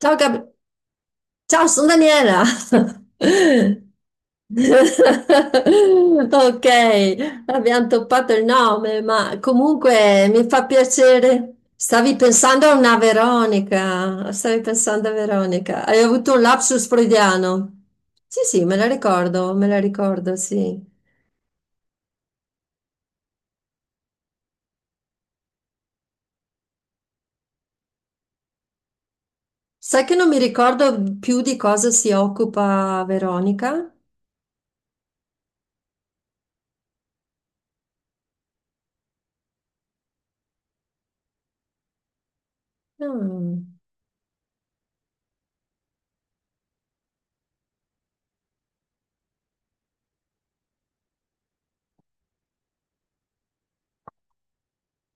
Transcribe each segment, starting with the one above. Ciao, ciao, sono Daniela. Ok, abbiamo toppato il nome, ma comunque mi fa piacere. Stavi pensando a una Veronica, stavi pensando a Veronica. Hai avuto un lapsus freudiano? Sì, sì, me la ricordo, sì. Sai che non mi ricordo più di cosa si occupa Veronica? Mm.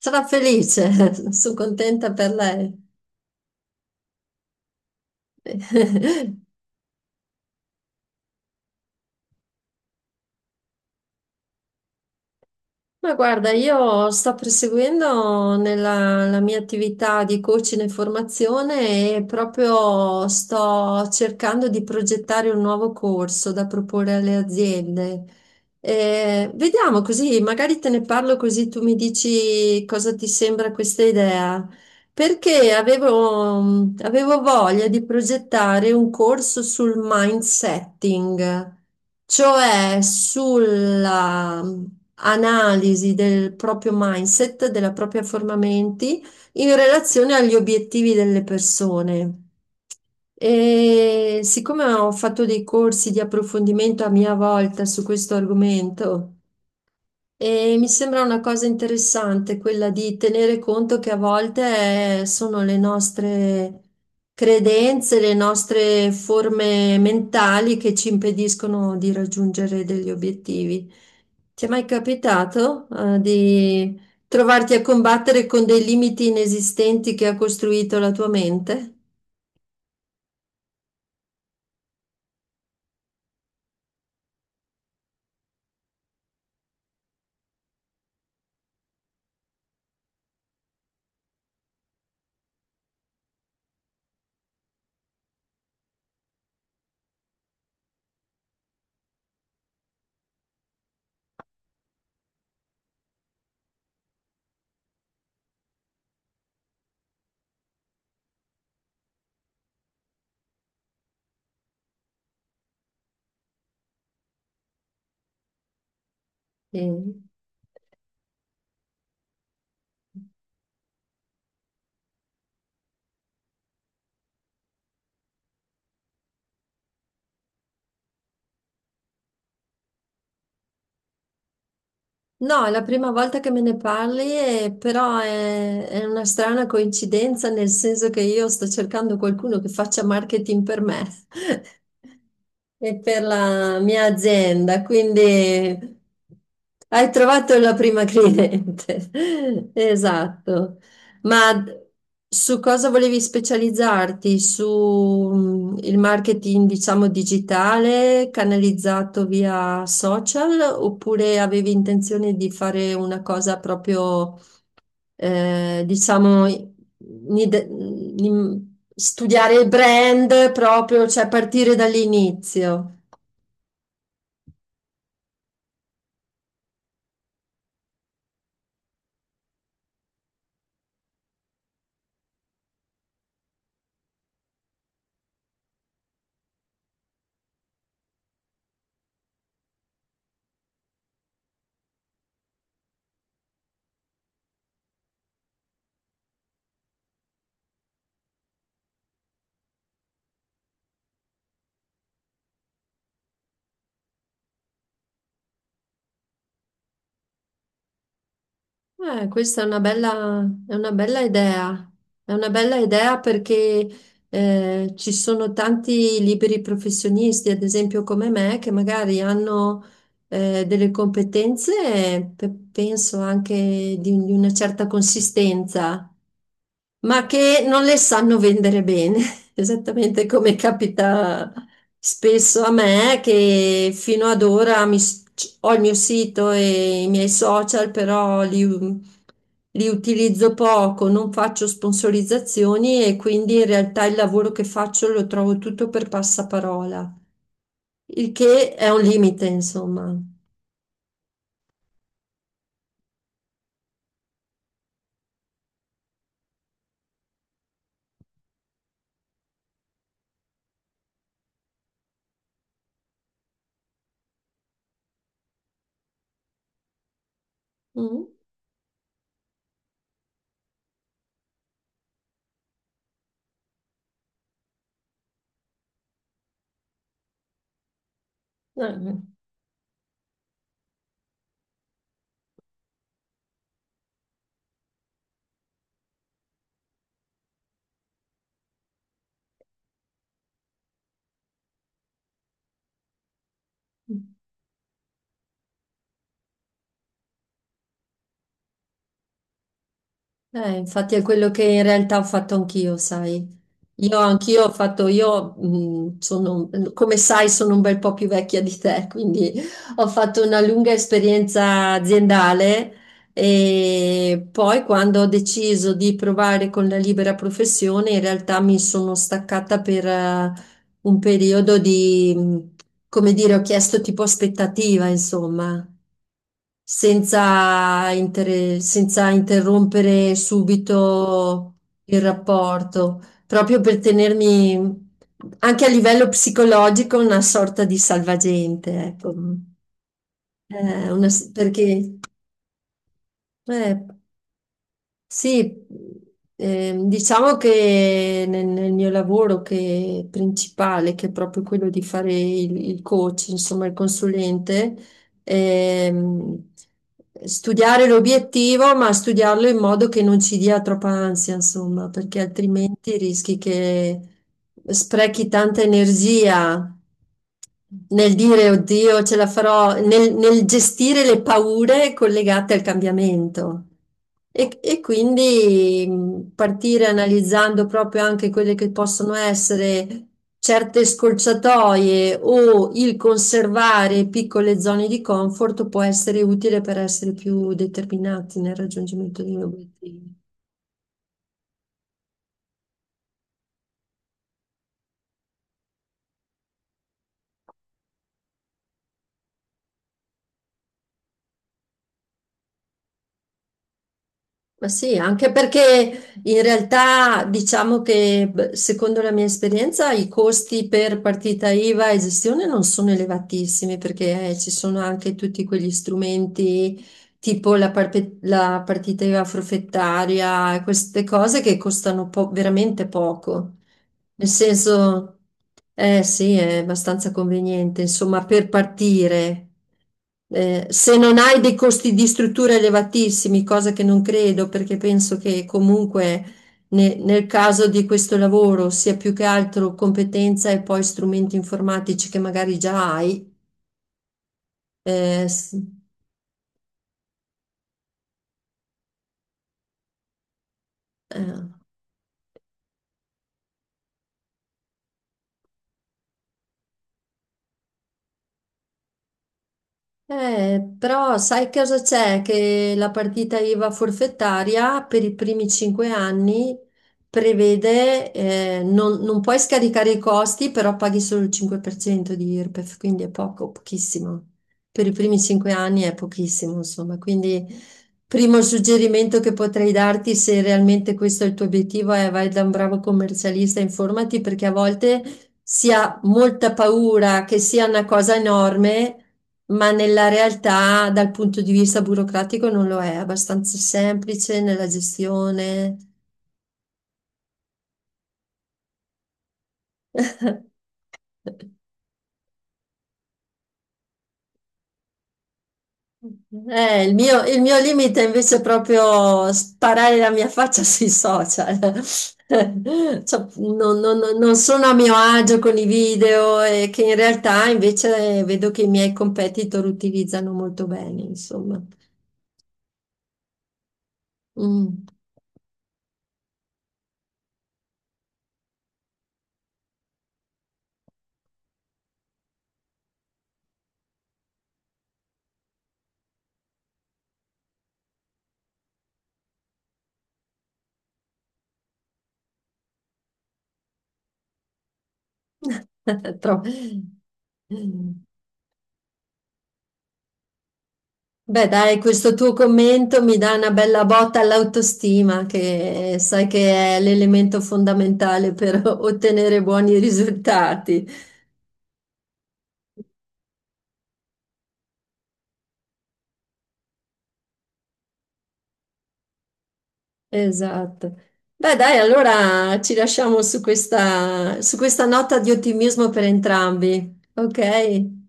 Sarà felice, sono contenta per lei. Ma guarda, io sto proseguendo nella la mia attività di coaching e formazione e proprio sto cercando di progettare un nuovo corso da proporre alle aziende. Vediamo così, magari te ne parlo così tu mi dici cosa ti sembra questa idea. Perché avevo voglia di progettare un corso sul mindsetting, cioè sulla analisi del proprio mindset, della propria forma menti in relazione agli obiettivi delle persone. E siccome ho fatto dei corsi di approfondimento a mia volta su questo argomento, e mi sembra una cosa interessante quella di tenere conto che a volte sono le nostre credenze, le nostre forme mentali che ci impediscono di raggiungere degli obiettivi. Ti è mai capitato, di trovarti a combattere con dei limiti inesistenti che ha costruito la tua mente? Sì. No, è la prima volta che me ne parli, però è una strana coincidenza, nel senso che io sto cercando qualcuno che faccia marketing per me e per la mia azienda, quindi hai trovato la prima cliente. Esatto. Ma d- su cosa volevi specializzarti? Su il marketing, diciamo, digitale canalizzato via social oppure avevi intenzione di fare una cosa proprio, diciamo, studiare il brand proprio, cioè partire dall'inizio? Questa è una è una bella è una bella idea perché ci sono tanti liberi professionisti, ad esempio come me, che magari hanno delle competenze, penso anche di una certa consistenza ma che non le sanno vendere bene, esattamente come capita spesso a me, che fino ad ora ho il mio sito e i miei social, però li utilizzo poco, non faccio sponsorizzazioni e quindi in realtà il lavoro che faccio lo trovo tutto per passaparola, il che è un limite, insomma. Mm. Eh. Infatti è quello che in realtà ho fatto anch'io, sai. Io anch'io ho fatto, io sono, come sai, sono un bel po' più vecchia di te, quindi ho fatto una lunga esperienza aziendale e poi quando ho deciso di provare con la libera professione, in realtà mi sono staccata per un periodo di, come dire, ho chiesto tipo aspettativa, insomma senza interrompere subito il rapporto, proprio per tenermi anche a livello psicologico una sorta di salvagente, ecco. Una s- perché eh, Sì, diciamo che nel mio lavoro che è principale, che è proprio quello di fare il coach, insomma il consulente, ehm, studiare l'obiettivo, ma studiarlo in modo che non ci dia troppa ansia, insomma, perché altrimenti rischi che sprechi tanta energia nel dire, oddio, ce la farò, nel gestire le paure collegate al cambiamento. E quindi partire analizzando proprio anche quelle che possono essere certe scorciatoie o il conservare piccole zone di comfort può essere utile per essere più determinati nel raggiungimento degli obiettivi. Ma sì, anche perché in realtà diciamo che beh, secondo la mia esperienza i costi per partita IVA e gestione non sono elevatissimi perché ci sono anche tutti quegli strumenti tipo la partita IVA forfettaria e queste cose che costano veramente poco. Nel senso, eh sì, è abbastanza conveniente, insomma, per partire. Se non hai dei costi di struttura elevatissimi, cosa che non credo, perché penso che comunque nel caso di questo lavoro sia più che altro competenza e poi strumenti informatici che magari già hai. eh, s- eh. Però sai cosa c'è? Che la partita IVA forfettaria per i primi 5 anni prevede, non puoi scaricare i costi, però paghi solo il 5% di IRPEF, quindi è poco, pochissimo. Per i primi cinque anni è pochissimo, insomma. Quindi, primo suggerimento che potrei darti, se realmente questo è il tuo obiettivo, è vai da un bravo commercialista, informati, perché a volte si ha molta paura che sia una cosa enorme ma nella realtà dal punto di vista burocratico non lo è abbastanza semplice nella gestione. Il mio limite invece è proprio sparare la mia faccia sui social. Cioè, non sono a mio agio con i video e che in realtà invece vedo che i miei competitor utilizzano molto bene, insomma. Mm. Tro- Beh, dai, questo tuo commento mi dà una bella botta all'autostima, che sai che è l'elemento fondamentale per ottenere buoni risultati. Esatto. Beh, dai, allora ci lasciamo su questa nota di ottimismo per entrambi. Ok?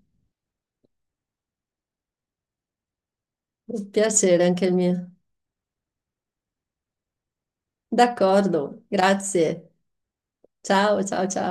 Un piacere anche il mio. D'accordo, grazie. Ciao, ciao, ciao.